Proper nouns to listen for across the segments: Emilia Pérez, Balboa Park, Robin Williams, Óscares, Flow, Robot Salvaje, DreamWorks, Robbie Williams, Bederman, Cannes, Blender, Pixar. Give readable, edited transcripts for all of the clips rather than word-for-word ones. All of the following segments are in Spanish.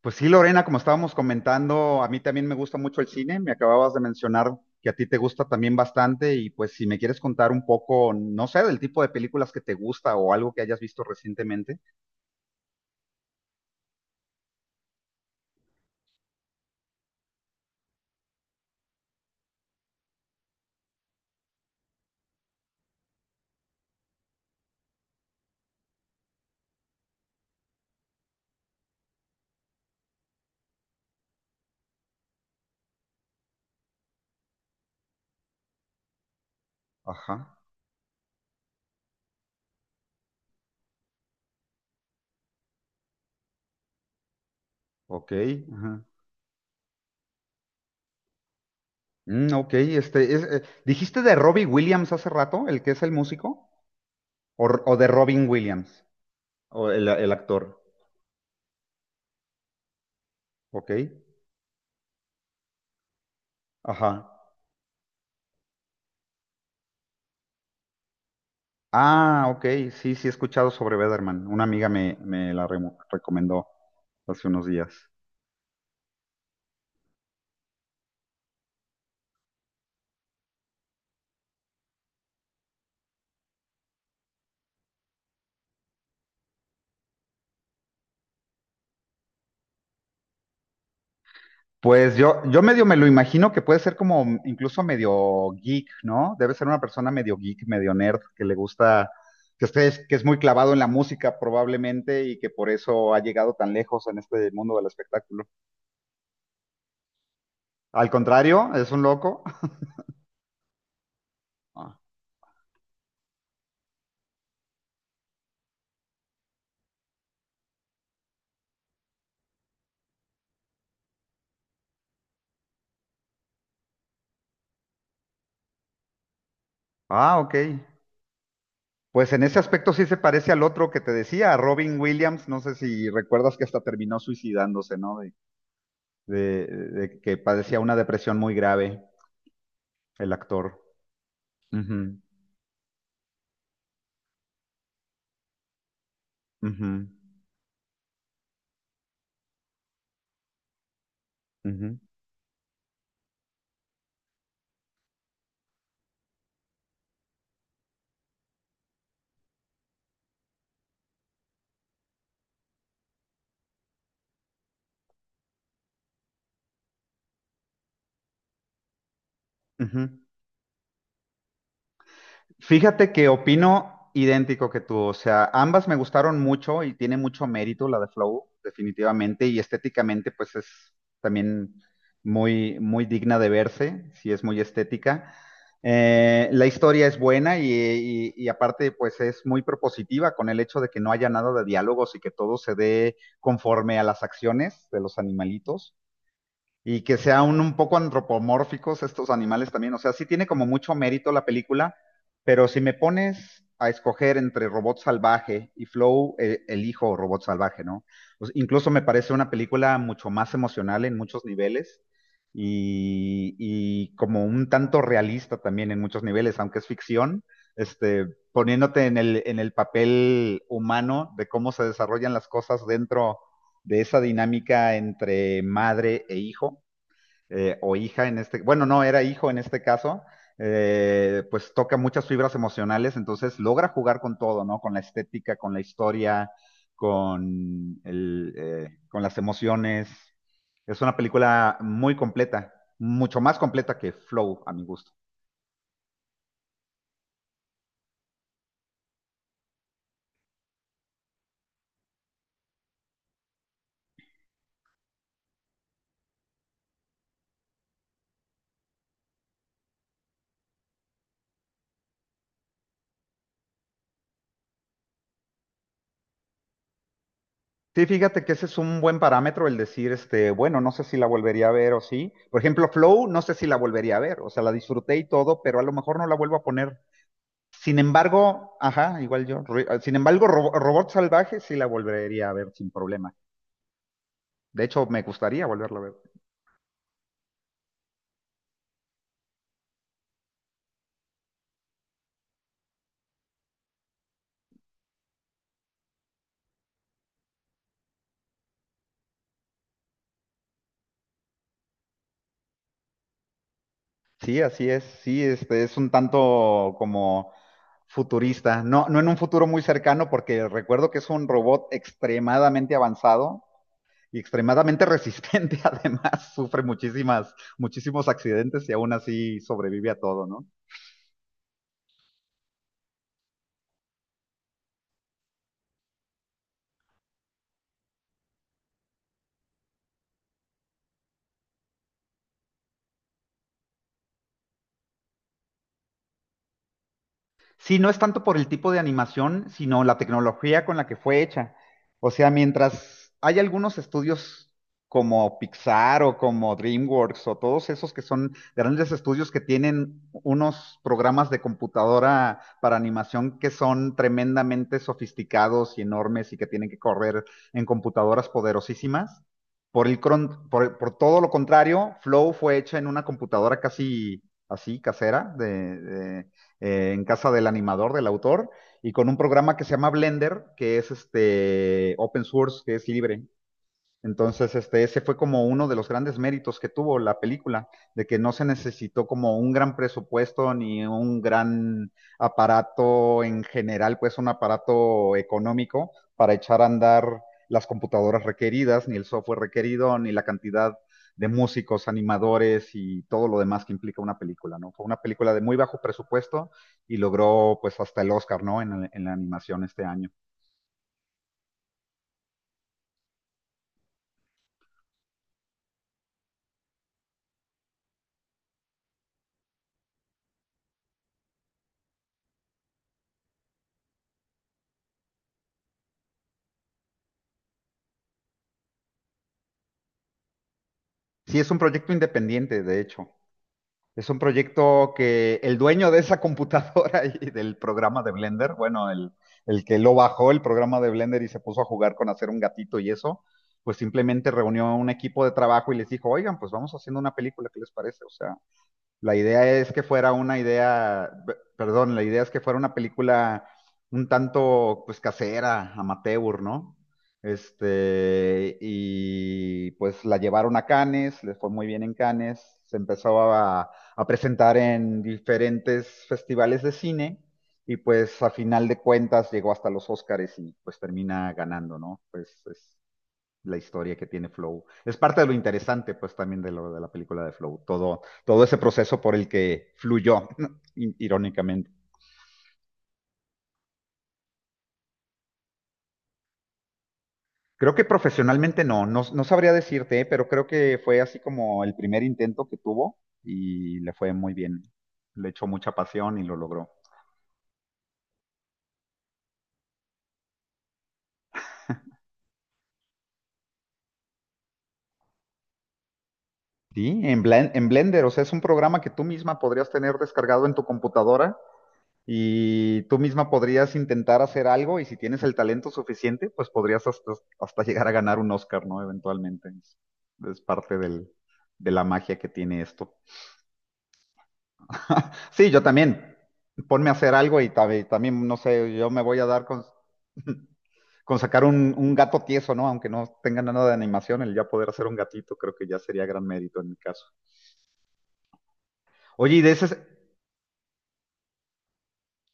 Pues sí, Lorena, como estábamos comentando, a mí también me gusta mucho el cine. Me acababas de mencionar que a ti te gusta también bastante y pues si me quieres contar un poco, no sé, del tipo de películas que te gusta o algo que hayas visto recientemente. Ajá, ok, ajá. Ok, este, es, ¿dijiste de Robbie Williams hace rato, el que es el músico? ¿O, o de Robin Williams, o el actor? Ok, ajá. Ah, ok, sí, sí he escuchado sobre Bederman. Una amiga me la recomendó hace unos días. Pues yo medio me lo imagino que puede ser como incluso medio geek, ¿no? Debe ser una persona medio geek, medio nerd, que le gusta, que esté, que es muy clavado en la música probablemente y que por eso ha llegado tan lejos en este mundo del espectáculo. Al contrario, es un loco. Ah, ah, ok. Pues en ese aspecto sí se parece al otro que te decía, a Robin Williams. No sé si recuerdas que hasta terminó suicidándose, ¿no? De, de que padecía una depresión muy grave, el actor. Ujú, ujú, ujú. Ujú. Fíjate que opino idéntico que tú, o sea, ambas me gustaron mucho y tiene mucho mérito la de Flow, definitivamente, y estéticamente pues es también muy, muy digna de verse, sí es muy estética. La historia es buena y aparte pues es muy propositiva con el hecho de que no haya nada de diálogos y que todo se dé conforme a las acciones de los animalitos. Y que sean un poco antropomórficos estos animales también. O sea, sí tiene como mucho mérito la película, pero si me pones a escoger entre Robot Salvaje y Flow, elijo Robot Salvaje, ¿no? O sea, incluso me parece una película mucho más emocional en muchos niveles y como un tanto realista también en muchos niveles, aunque es ficción, este, poniéndote en en el papel humano de cómo se desarrollan las cosas dentro de esa dinámica entre madre e hijo o hija en este, bueno, no, era hijo en este caso, pues toca muchas fibras emocionales, entonces logra jugar con todo, ¿no? Con la estética, con la historia, con, el, con las emociones. Es una película muy completa, mucho más completa que Flow, a mi gusto. Sí, fíjate que ese es un buen parámetro el decir, este, bueno, no sé si la volvería a ver o sí. Por ejemplo, Flow, no sé si la volvería a ver, o sea, la disfruté y todo, pero a lo mejor no la vuelvo a poner. Sin embargo, ajá, igual yo. Sin embargo, Robot Salvaje sí la volvería a ver sin problema. De hecho, me gustaría volverla a ver. Sí, así es. Sí, este es un tanto como futurista. No, no en un futuro muy cercano, porque recuerdo que es un robot extremadamente avanzado y extremadamente resistente. Además, sufre muchísimos accidentes y aún así sobrevive a todo, ¿no? Sí, no es tanto por el tipo de animación, sino la tecnología con la que fue hecha. O sea, mientras hay algunos estudios como Pixar o como DreamWorks o todos esos que son grandes estudios que tienen unos programas de computadora para animación que son tremendamente sofisticados y enormes y que tienen que correr en computadoras poderosísimas. Por el por todo lo contrario, Flow fue hecha en una computadora casi así, casera, en casa del animador, del autor, y con un programa que se llama Blender, que es este open source, que es libre. Entonces, este, ese fue como uno de los grandes méritos que tuvo la película, de que no se necesitó como un gran presupuesto ni un gran aparato en general, pues un aparato económico para echar a andar las computadoras requeridas, ni el software requerido, ni la cantidad de músicos, animadores y todo lo demás que implica una película, ¿no? Fue una película de muy bajo presupuesto y logró pues hasta el Oscar, ¿no? En la animación este año. Sí, es un proyecto independiente, de hecho. Es un proyecto que el dueño de esa computadora y del programa de Blender, el que lo bajó el programa de Blender y se puso a jugar con hacer un gatito y eso, pues simplemente reunió a un equipo de trabajo y les dijo, oigan, pues vamos haciendo una película, ¿qué les parece? O sea, la idea es que fuera una idea, p- perdón, la idea es que fuera una película un tanto pues casera, amateur, ¿no? Este, y pues la llevaron a Cannes, les fue muy bien en Cannes, a presentar en diferentes festivales de cine y pues a final de cuentas llegó hasta los Óscares y pues termina ganando, ¿no? Pues es la historia que tiene Flow. Es parte de lo interesante, pues, también de la película de Flow, todo ese proceso por el que fluyó, irónicamente. Creo que profesionalmente no sabría decirte, ¿eh? Pero creo que fue así como el primer intento que tuvo y le fue muy bien. Le echó mucha pasión y lo logró. Sí, en Blender, o sea, es un programa que tú misma podrías tener descargado en tu computadora y tú misma podrías intentar hacer algo y si tienes el talento suficiente, pues podrías hasta llegar a ganar un Oscar, ¿no? Eventualmente. Es parte de la magia que tiene esto. Sí, yo también. Ponme a hacer algo y también, no sé, yo me voy a dar con, con sacar un gato tieso, ¿no? Aunque no tenga nada de animación, el ya poder hacer un gatito creo que ya sería gran mérito en mi caso. Oye, y de ese,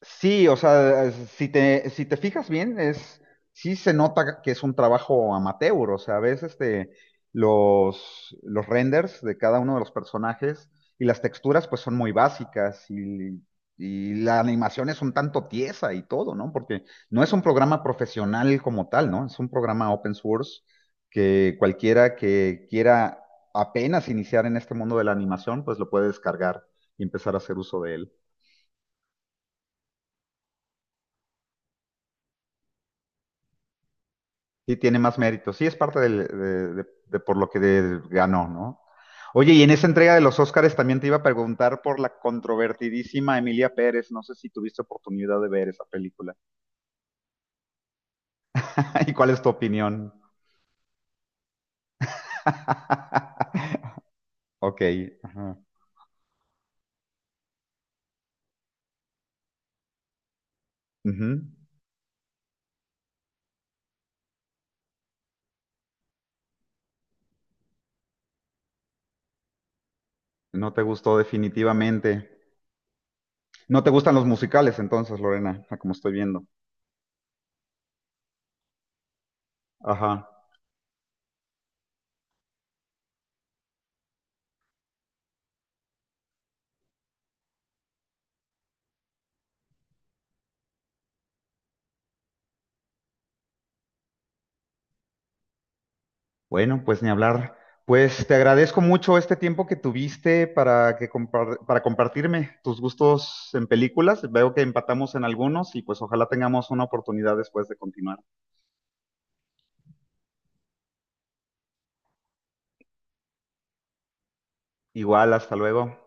sí, o sea, si te fijas bien, es, sí se nota que es un trabajo amateur, o sea, ves este, los renders de cada uno de los personajes y las texturas pues son muy básicas y la animación es un tanto tiesa y todo, ¿no? Porque no es un programa profesional como tal, ¿no? Es un programa open source que cualquiera que quiera apenas iniciar en este mundo de la animación pues lo puede descargar y empezar a hacer uso de él. Sí, tiene más mérito. Sí, es parte de por lo que ganó, ¿no? Oye, y en esa entrega de los Óscares también te iba a preguntar por la controvertidísima Emilia Pérez. No sé si tuviste oportunidad de ver esa película. ¿Y cuál es tu opinión? Ok. Ajá. Ujú. No te gustó definitivamente. No te gustan los musicales entonces, Lorena, como estoy viendo. Ajá. Bueno, pues ni hablar. Pues te agradezco mucho este tiempo que tuviste para que para compartirme tus gustos en películas. Veo que empatamos en algunos y pues ojalá tengamos una oportunidad después de continuar. Igual, hasta luego.